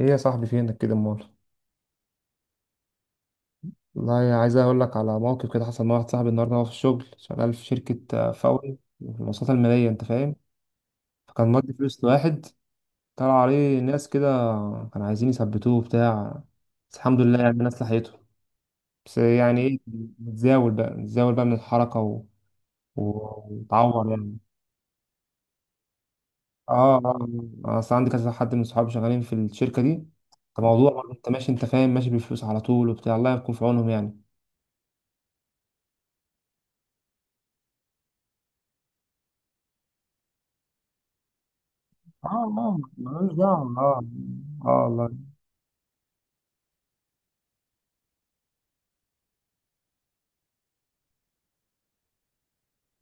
ايه يا صاحبي فينك كده امال؟ والله عايز اقول لك على موقف كده حصل مع واحد صاحبي النهارده، وهو في الشغل شغال في شركه فوري في المواصلات الماليه، انت فاهم. فكان مودي فلوس لواحد، طلع عليه ناس كده كانوا عايزين يثبتوه بتاع، بس الحمد لله يعني الناس لحقته. بس يعني ايه، متزاول بقى من الحركه و... وتعور يعني. اه اه. اصل عندي كذا حد من صحابي شغالين في الشركه دي. فموضوع برضه انت ماشي انت فاهم ماشي بالفلوس على طول وبتاع، الله يكون في عونهم يعني. اه، اه ملوش دعوة. اه. اه والله.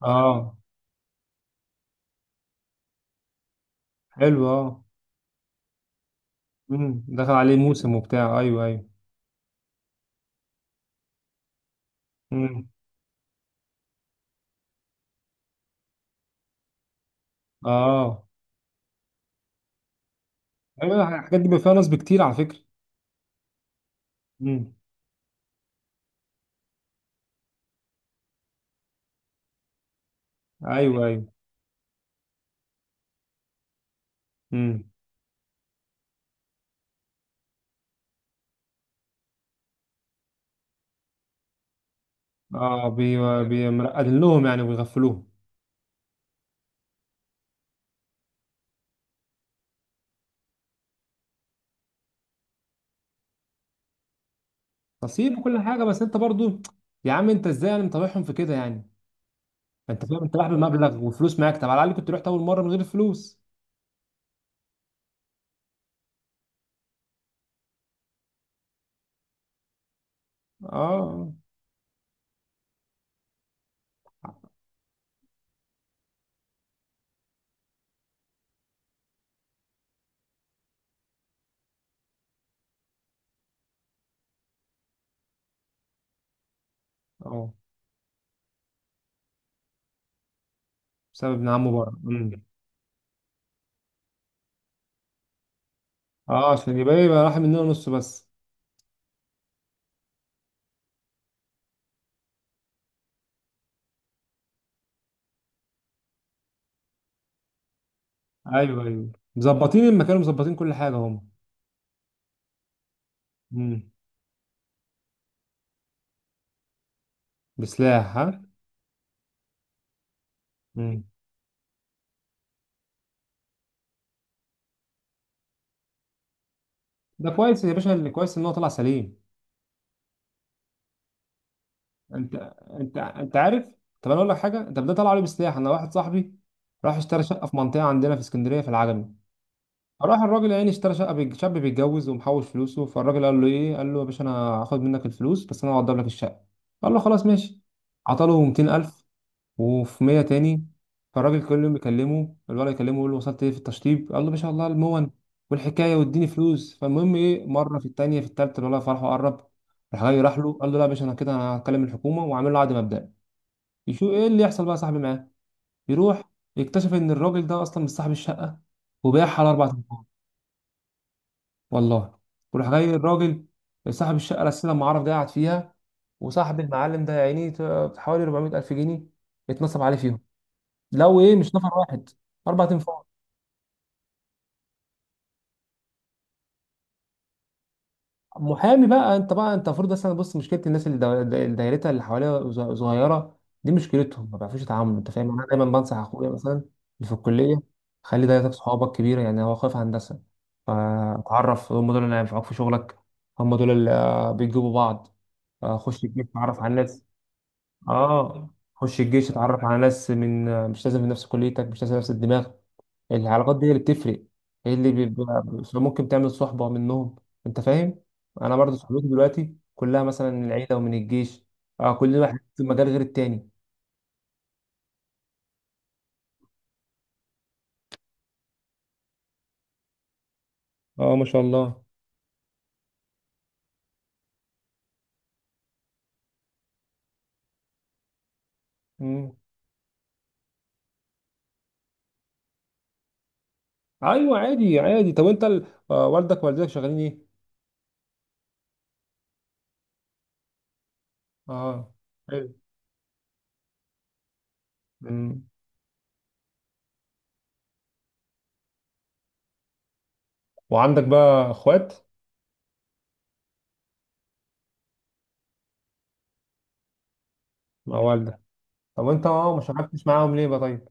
اه حلو. اه. مم. دخل عليه موسم وبتاع. ايوه ايوه. مم. اه. ايوه، الحاجات دي بيبقى فيها نصب كتير على فكرة. مم. ايوه ايوه. مم. اه مرقدين لهم يعني ويغفلوهم. نصيب وكل حاجة، بس انت برضو يا عم، انت ازاي يعني مطوعهم في كده يعني؟ انت فاهم، انت رايح بمبلغ وفلوس معاك، طب على الاقل كنت رحت اول مرة من غير فلوس. اه اه، بسبب ابن عمه بره. مم. اه، عشان يبقى إيه، يبقى راح مننا نص بس. ايوه ايوه، مظبطين المكان ومظبطين كل حاجه هم. امم، بسلاح ها. امم، ده كويس يا باشا، اللي كويس ان هو طلع سليم. انت انت عارف. طب انا اقول لك حاجه، انت ده طلع عليه بسلاح، انا واحد صاحبي راح اشترى شقه في منطقه عندنا في اسكندريه في العجمي. فراح الراجل يعني اشترى شقه، شاب بيتجوز ومحوش فلوسه، فالراجل قال له ايه، قال له يا باشا انا هاخد منك الفلوس بس انا هوضب لك الشقه. قال له خلاص ماشي. عطى له 200000 وفي 100 تاني. فالراجل كل يوم بيكلمه الولد، يكلمه يقول له وصلت ايه في التشطيب، قال له ما شاء الله المون والحكايه واديني فلوس. فالمهم ايه، مره في التانيه، في التالته الولد فرحه قرب، راح جاي راح له قال له لا يا باشا، انا كده انا هكلم الحكومه، وعامل له عقد مبدئي. يشوف ايه اللي يحصل بقى يا صاحبي معاه. يروح يكتشف ان الراجل ده اصلا مش صاحب الشقه، وباعها على اربع تنفار. والله، وراح جاي الراجل صاحب الشقه الاساسيه لما عرف ده قاعد فيها. وصاحب المعلم ده يا عيني حوالي 400 الف جنيه اتنصب عليه فيهم. لو ايه، مش نفر واحد، اربع تنفار. محامي بقى انت، بقى انت المفروض مثلا، بص، مشكله الناس اللي دايرتها اللي حواليها صغيره، دي مشكلتهم، ما بيعرفوش يتعاملوا، انت فاهم. انا دايما بنصح اخويا مثلا اللي في الكليه، خلي دايرتك صحابك كبيره يعني، هو خايف هندسه. فتعرف هم دول اللي هينفعوك في شغلك، هم دول اللي بيجيبوا بعض. خش الجيش، اتعرف على ناس. اه، خش الجيش اتعرف على ناس من، مش لازم في نفس كليتك، مش لازم نفس الدماغ. العلاقات دي اللي بتفرق، هي اللي بيبقى ممكن تعمل صحبة منهم، انت فاهم. انا برضو صحبتي دلوقتي كلها مثلا من العيلة ومن الجيش. اه، كل واحد في مجال غير التاني. اه، ما شاء الله. مم. ايوه عادي عادي، طب انت ال... آه والدك ووالدتك شغالين ايه؟ اه حلو. مم. وعندك بقى اخوات؟ مع والدة؟ طب انت ما شاركتش معاهم ليه بقى طيب؟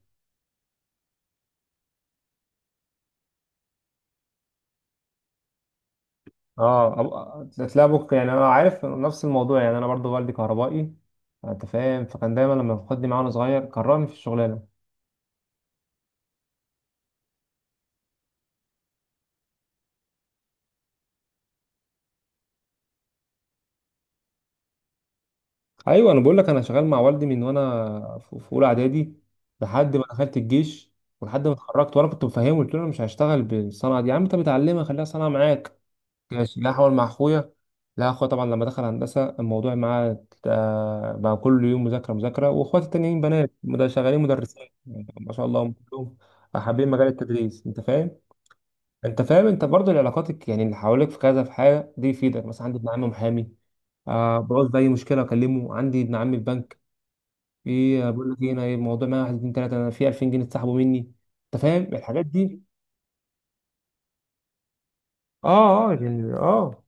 اه، تلاقي ابوك، يعني انا عارف نفس الموضوع، يعني انا برضو والدي كهربائي، انت فاهم. فكان دايما لما بياخدني معاه وانا صغير كرهني في الشغلانه. ايوه انا بقول لك، انا شغال مع والدي من وانا في اولى اعدادي لحد ما دخلت الجيش، ولحد ما اتخرجت. وانا كنت مفهمه، قلت له انا مش هشتغل بالصنعه دي يا عم، انت متعلمها خليها صنعه معاك ماشي، لا هحاول مع اخويا. لا اخويا طبعا لما دخل هندسه، الموضوع معاه بقى كل يوم مذاكره مذاكره. واخواتي التانيين بنات شغالين مدرسين، يعني ما شاء الله هم كلهم حابين مجال التدريس، انت فاهم. انت فاهم، انت برضو العلاقاتك يعني اللي حواليك في كذا، في حاجه دي يفيدك. مثلا عندي ابن عمي محامي، آه، بعوز باي مشكله اكلمه. عندي ابن عمي في بنك، ايه، بقول لك ايه، انا الموضوع معايا واحد اتنين تلاته، انا في 2000 جنيه اتسحبوا مني، انت فاهم الحاجات دي. اه اه، يعني اه،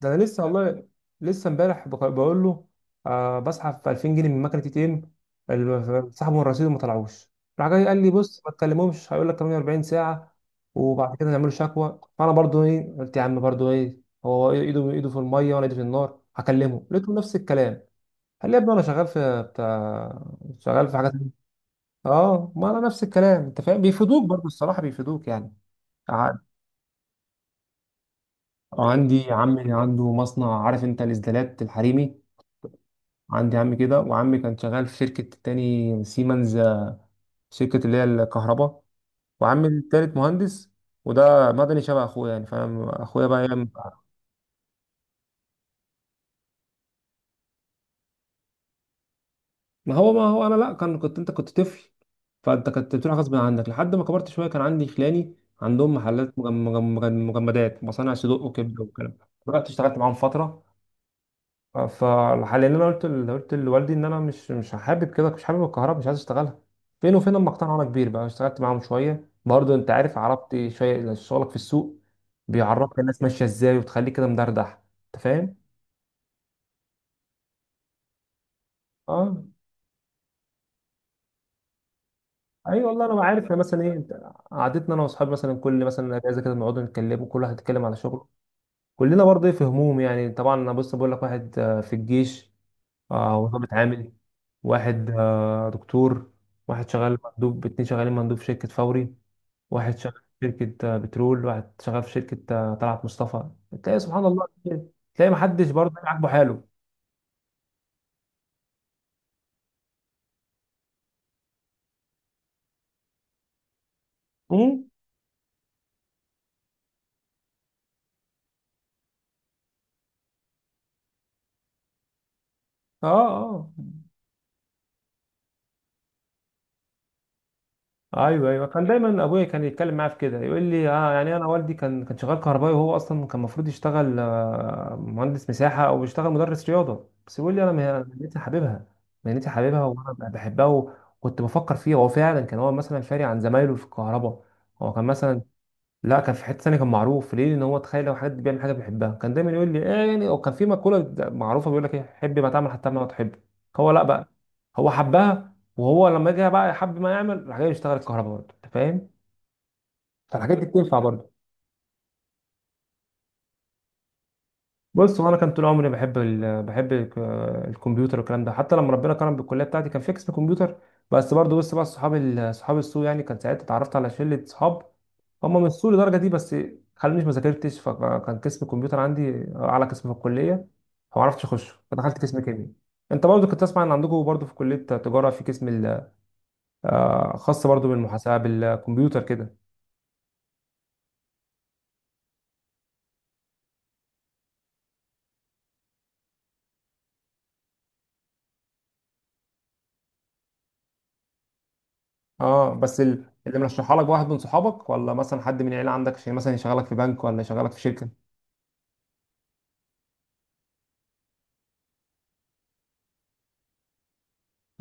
ده انا لسه والله، لسه امبارح بقول له آه، بسحب في 2000 جنيه من مكنه ATM، سحبوا الرصيد وما طلعوش. راح جاي قال لي بص ما تكلمهمش، هيقول لك 48 ساعه وبعد كده نعملوا شكوى. فانا برضو ايه قلت يا عم، برضو ايه، هو ايده ايده في الميه وانا ايدي في النار. هكلمه لقيته نفس الكلام، قال لي يا ابني انا شغال في بتاع، شغال في حاجات. اه، ما انا نفس الكلام، انت فاهم بيفيدوك برضو، الصراحه بيفيدوك يعني. ع- عندي عمي عنده مصنع، عارف انت الاسدالات الحريمي. عندي عمي كده، وعمي كان شغال في شركة تاني سيمنز، شركة اللي هي الكهرباء. وعمي التالت مهندس، وده مدني شبه اخويا يعني، فاهم اخويا بقى يعمل. ما هو انا، لا كنت انت كنت طفل، فانت كنت بتروح غصب عنك، لحد ما كبرت شويه كان عندي خلاني عندهم محلات مجمدات مصانع صدوق وكبده والكلام ده، رحت اشتغلت معاهم فتره. فحاليا انا قلت لوالدي ان انا مش حابب كده، مش حابب الكهرباء، مش عايز اشتغلها. فين وفين اما اقتنع، وانا كبير بقى اشتغلت معاهم شويه برضه، انت عارف عربتي شويه شغلك في السوق، بيعرفك الناس ماشيه ازاي، وتخليك كده مدردح، انت فاهم. اه، اي والله انا عارف يعني، مثلا ايه قعدتنا انا واصحابي مثلا كل مثلا اجازه كده بنقعد نتكلم، وكل واحد يتكلم على شغله. كلنا برضه ايه في هموم يعني. طبعا انا بص بقول لك، واحد في الجيش، وضابط عامل. واحد دكتور. واحد شغال مندوب، اتنين شغالين مندوب في شركة فوري. واحد شغال في شركة بترول، واحد شغال في شركة طلعت مصطفى. تلاقي سبحان الله، تلاقي محدش برضه عاجبه حاله. مم. اه اه، ايوه ايوه. كان دايما ابويا كان يتكلم معايا في كده، يقول لي اه يعني، انا والدي كان شغال كهربائي، وهو اصلا كان المفروض يشتغل مهندس مساحه، او يشتغل مدرس رياضه، بس يقول لي انا مهنتي حاببها، مهنتي حاببها وانا بحبها، وكنت بفكر فيها. هو فعلا كان هو مثلا فارق عن زمايله في الكهرباء، هو كان مثلا لا، كان في حته ثانيه، كان معروف ليه ان هو تخيل لو حد بيعمل حاجه بيحبها. كان دايما يقول لي ايه يعني، او كان في مقوله معروفه بيقول لك ايه، حب ما تعمل حتى ما تحب. هو لا بقى، هو حبها، وهو لما جه بقى يحب ما يعمل راح جاي يشتغل الكهرباء برضه، انت فاهم. فالحاجات دي بتنفع برضه. بص، هو انا كان طول عمري بحب الكمبيوتر والكلام ده. حتى لما ربنا كرم بالكليه بتاعتي كان في قسم كمبيوتر، بس برضه بص بقى صحاب صحاب السوق يعني، كان ساعتها اتعرفت على شله صحاب، هم مش سوء لدرجه دي، بس خلونيش ما ذاكرتش. فكان قسم الكمبيوتر عندي اعلى قسم في الكليه، فما عرفتش اخش، فدخلت قسم كيمياء. انت برضه كنت تسمع ان عندكم برضه في كليه تجاره في قسم خاص برضه بالمحاسبه بالكمبيوتر كده. اه، بس اللي مرشحها لك واحد من صحابك، ولا مثلا حد من العيله عندك عشان مثلا يشغلك في بنك ولا يشغلك في شركه؟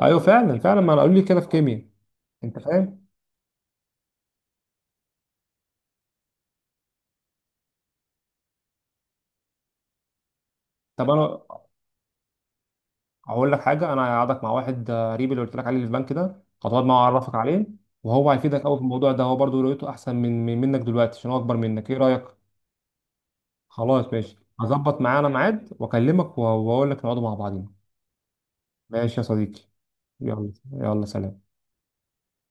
ايوه فعلا فعلا، ما انا قالوا لي كده في كيمياء، انت فاهم. طب انا هقول لك حاجه، انا هقعدك مع واحد قريب اللي قلت لك عليه اللي في البنك ده، هتقعد معاه، اعرفك عليه، وهو هيفيدك قوي في الموضوع ده. هو برضه رؤيته احسن منك دلوقتي عشان هو اكبر منك. ايه رايك؟ خلاص ماشي، هظبط معانا ميعاد واكلمك، واقول لك نقعدوا مع بعضين. ماشي يا صديقي. يلا يلا، سلام.